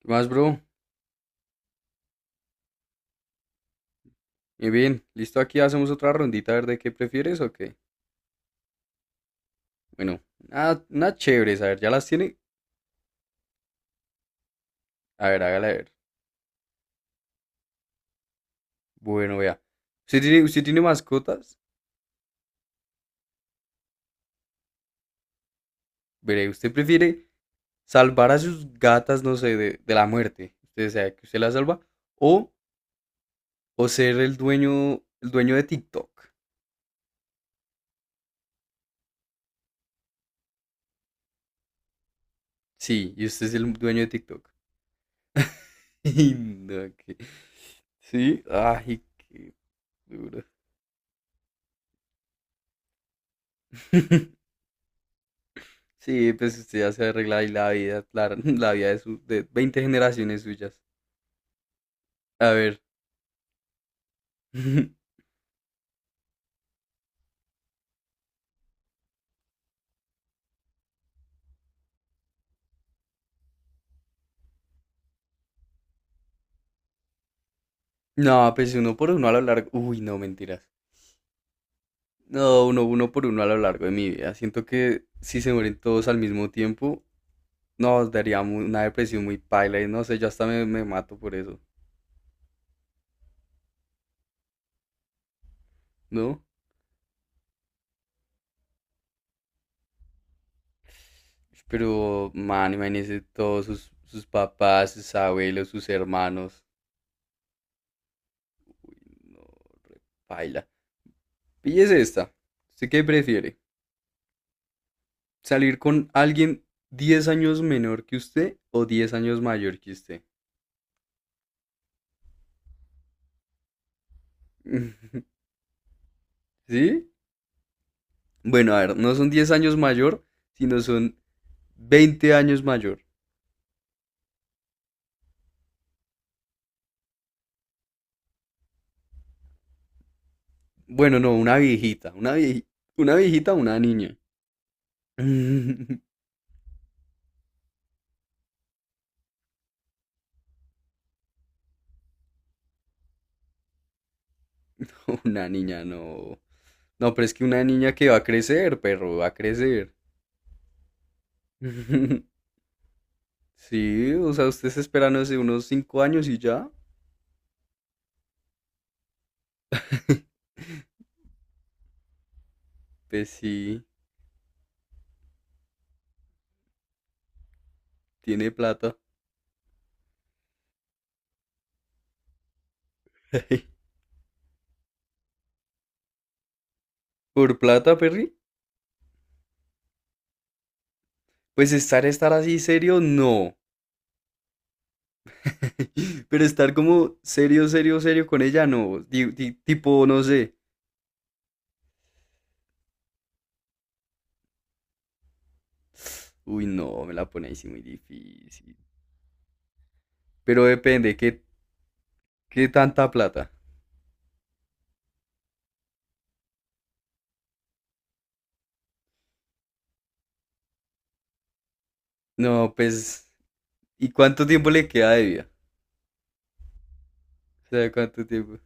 ¿Qué más, bro? Muy bien, listo, aquí hacemos otra rondita a ver de qué prefieres o qué. Bueno, nada una chévere, a ver, ¿ya las tiene? A ver, hágala a ver. Bueno, vea. ¿Usted tiene mascotas? Veré, ¿usted prefiere salvar a sus gatas, no sé, de la muerte? Usted sea que usted las salva. O, o ser el dueño de TikTok. Sí, y usted es el dueño de TikTok. Y no. Sí, ay, qué duro. Sí, pues usted ya se arregla ahí la vida, la vida de 20 generaciones suyas. A ver. No, pues uno por uno a lo largo. Uy, no, mentiras. No, uno por uno a lo largo de mi vida. Siento que si se mueren todos al mismo tiempo, nos daría una depresión muy paila. Y no sé, yo hasta me mato por eso, ¿no? Pero, man, imagínese todos sus papás, sus abuelos, sus hermanos. No, re paila. Píllese esta. ¿Usted qué prefiere? Salir con alguien 10 años menor que usted o 10 años mayor que usted. ¿Sí? Bueno, a ver, no son 10 años mayor, sino son 20 años mayor. Bueno, no, una viejita, una viejita, una niña. Una niña, no. No, pero es que una niña que va a crecer, perro, va a crecer. Sí, o sea, usted se espera, no sé, unos 5 años y ya. Pues sí, tiene plata. ¿Por plata, Perry? Pues estar así serio, no. Pero estar como serio, serio, serio con ella, no. Tipo, no sé. Uy, no, me la ponéis muy difícil. Pero depende, ¿qué tanta plata? No, pues, ¿y cuánto tiempo le queda de vida? O sea, ¿cuánto tiempo?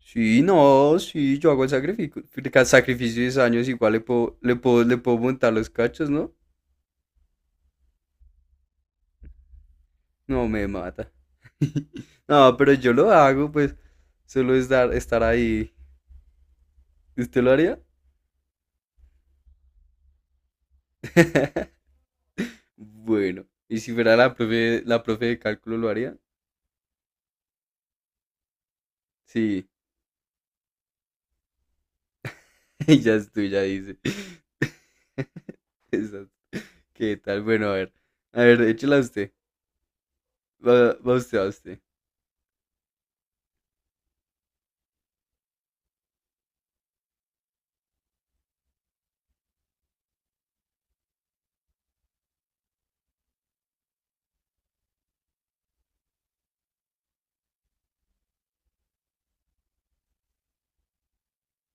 Sí, no, sí, yo hago el sacrificio, sacrificio de 10 años, igual le puedo montar los cachos, ¿no? No, me mata. No, pero yo lo hago, pues, solo es estar ahí. ¿Usted lo haría? Bueno, y si fuera la profe de cálculo, ¿lo haría? Sí, ya estoy, ya dice. Esa- ¿Qué tal? Bueno, a ver, échela usted. Va usted.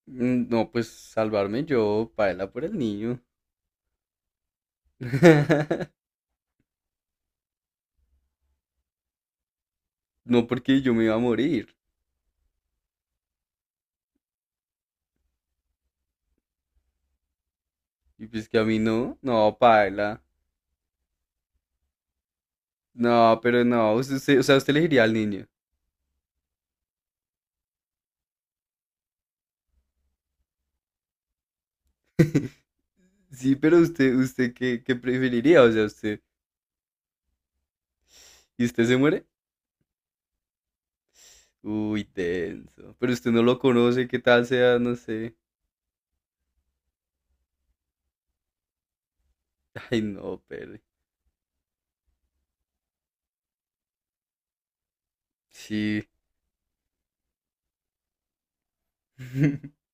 No, pues salvarme yo, paela por el niño. No, porque yo me iba a morir. Y pues que a mí no, no, paela. No, pero no, o sea, usted elegiría al niño. Sí, pero usted, ¿qué preferiría? O sea, usted, ¿y usted se muere? Uy, tenso. Pero usted no lo conoce, qué tal sea, no sé. Ay, no, pero sí.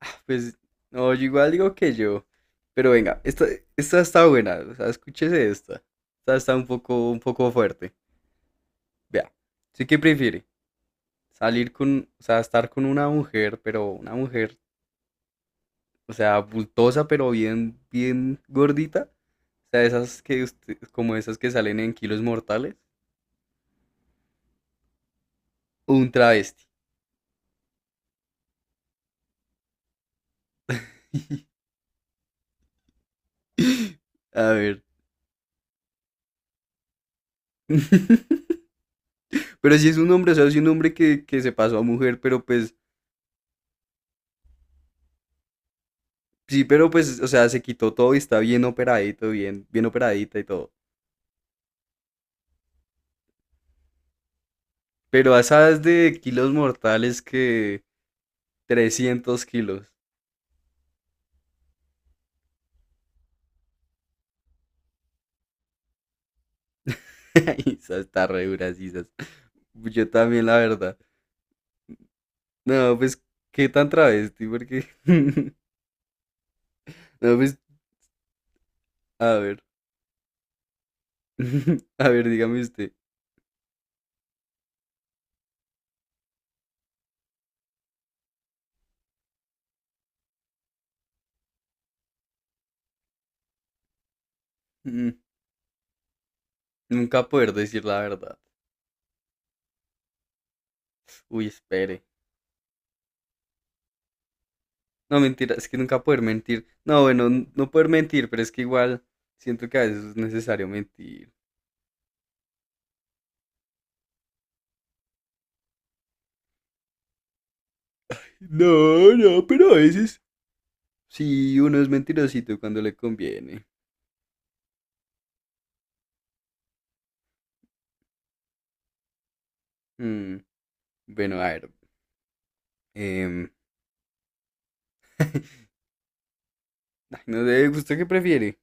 Ah, pues, no, yo igual digo que yo. Pero venga, esta está buena. O sea, escúchese esta. Esta está un poco fuerte. Vea. ¿Sí que prefiere? Salir con, o sea, estar con una mujer, pero una mujer, o sea, bultosa, pero bien gordita. O sea, esas que usted, como esas que salen en kilos mortales. O un travesti. A ver. Pero sí es un hombre, o sea, es un hombre que se pasó a mujer, pero pues, sí, pero pues, o sea, se quitó todo y está bien operadito, bien operadita y todo. Pero a esas de kilos mortales que 300 kilos. Esa está re dura, sí, esas. Yo también, la verdad. No, pues, ¿qué tan travesti? Porque, no, pues, a ver, a ver, dígame usted. Mm, Nunca poder decir la verdad. Uy, espere. No, mentira, es que nunca poder mentir. No, bueno, no poder mentir, pero es que igual siento que a veces es necesario mentir. No, no, pero a veces. Sí, uno es mentirosito cuando le conviene. Mm, bueno, a ver. em, Ay, no sé, ¿usted qué prefiere?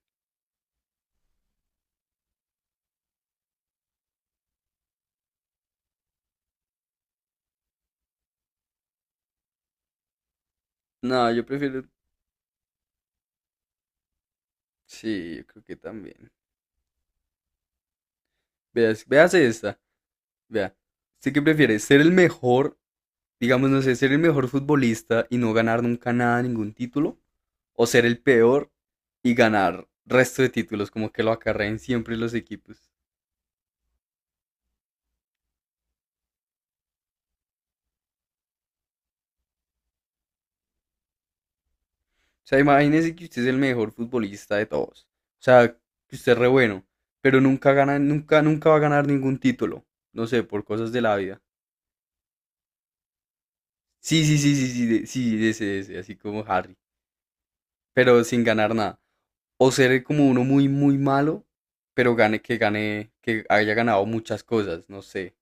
No, yo prefiero. Sí, yo creo que también. Veas esta. Vea. ¿Usted qué prefiere? ¿Ser el mejor, digamos, no sé, ser el mejor futbolista y no ganar nunca nada, ningún título, o ser el peor y ganar resto de títulos, como que lo acarreen siempre los equipos? O sea, imagínese que usted es el mejor futbolista de todos. O sea, que usted es re bueno, pero nunca gana, nunca, nunca va a ganar ningún título. No sé, por cosas de la vida. Sí, sí, sí, sí, sí, sí, de ese, así como Harry, pero sin ganar nada. O ser como uno muy, muy malo, pero que gane, que haya ganado muchas cosas, no sé.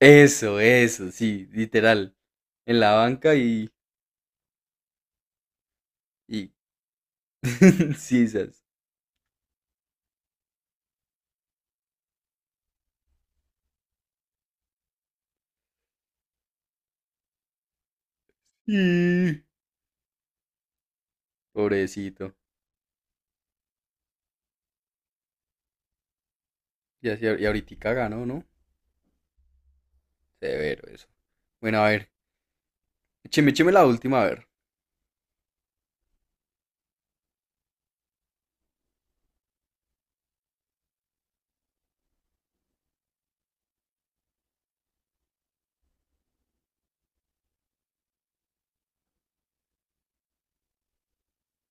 Eso, sí, literal. En la banca y Sí, sas. Y- Pobrecito. Y, así, y ahorita ganó, ¿no? Severo eso. Bueno, a ver. Écheme la última, a ver.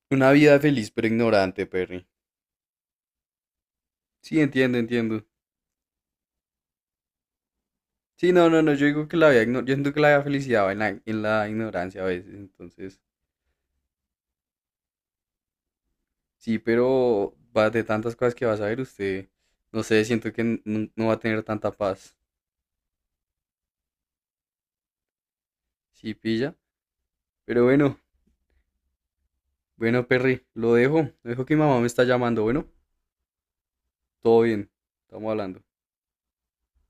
Una vida feliz pero ignorante, Perry. Sí, entiendo, entiendo. Sí, no, no, no. Yo siento que la vida felicidad va en la, ignorancia a veces. Entonces, sí, pero va de tantas cosas que vas a ver usted. No sé, siento que no va a tener tanta paz. Sí, pilla. Pero bueno, bueno, Perry, lo dejo. Lo dejo que mi mamá me está llamando. Bueno, todo bien. Estamos hablando.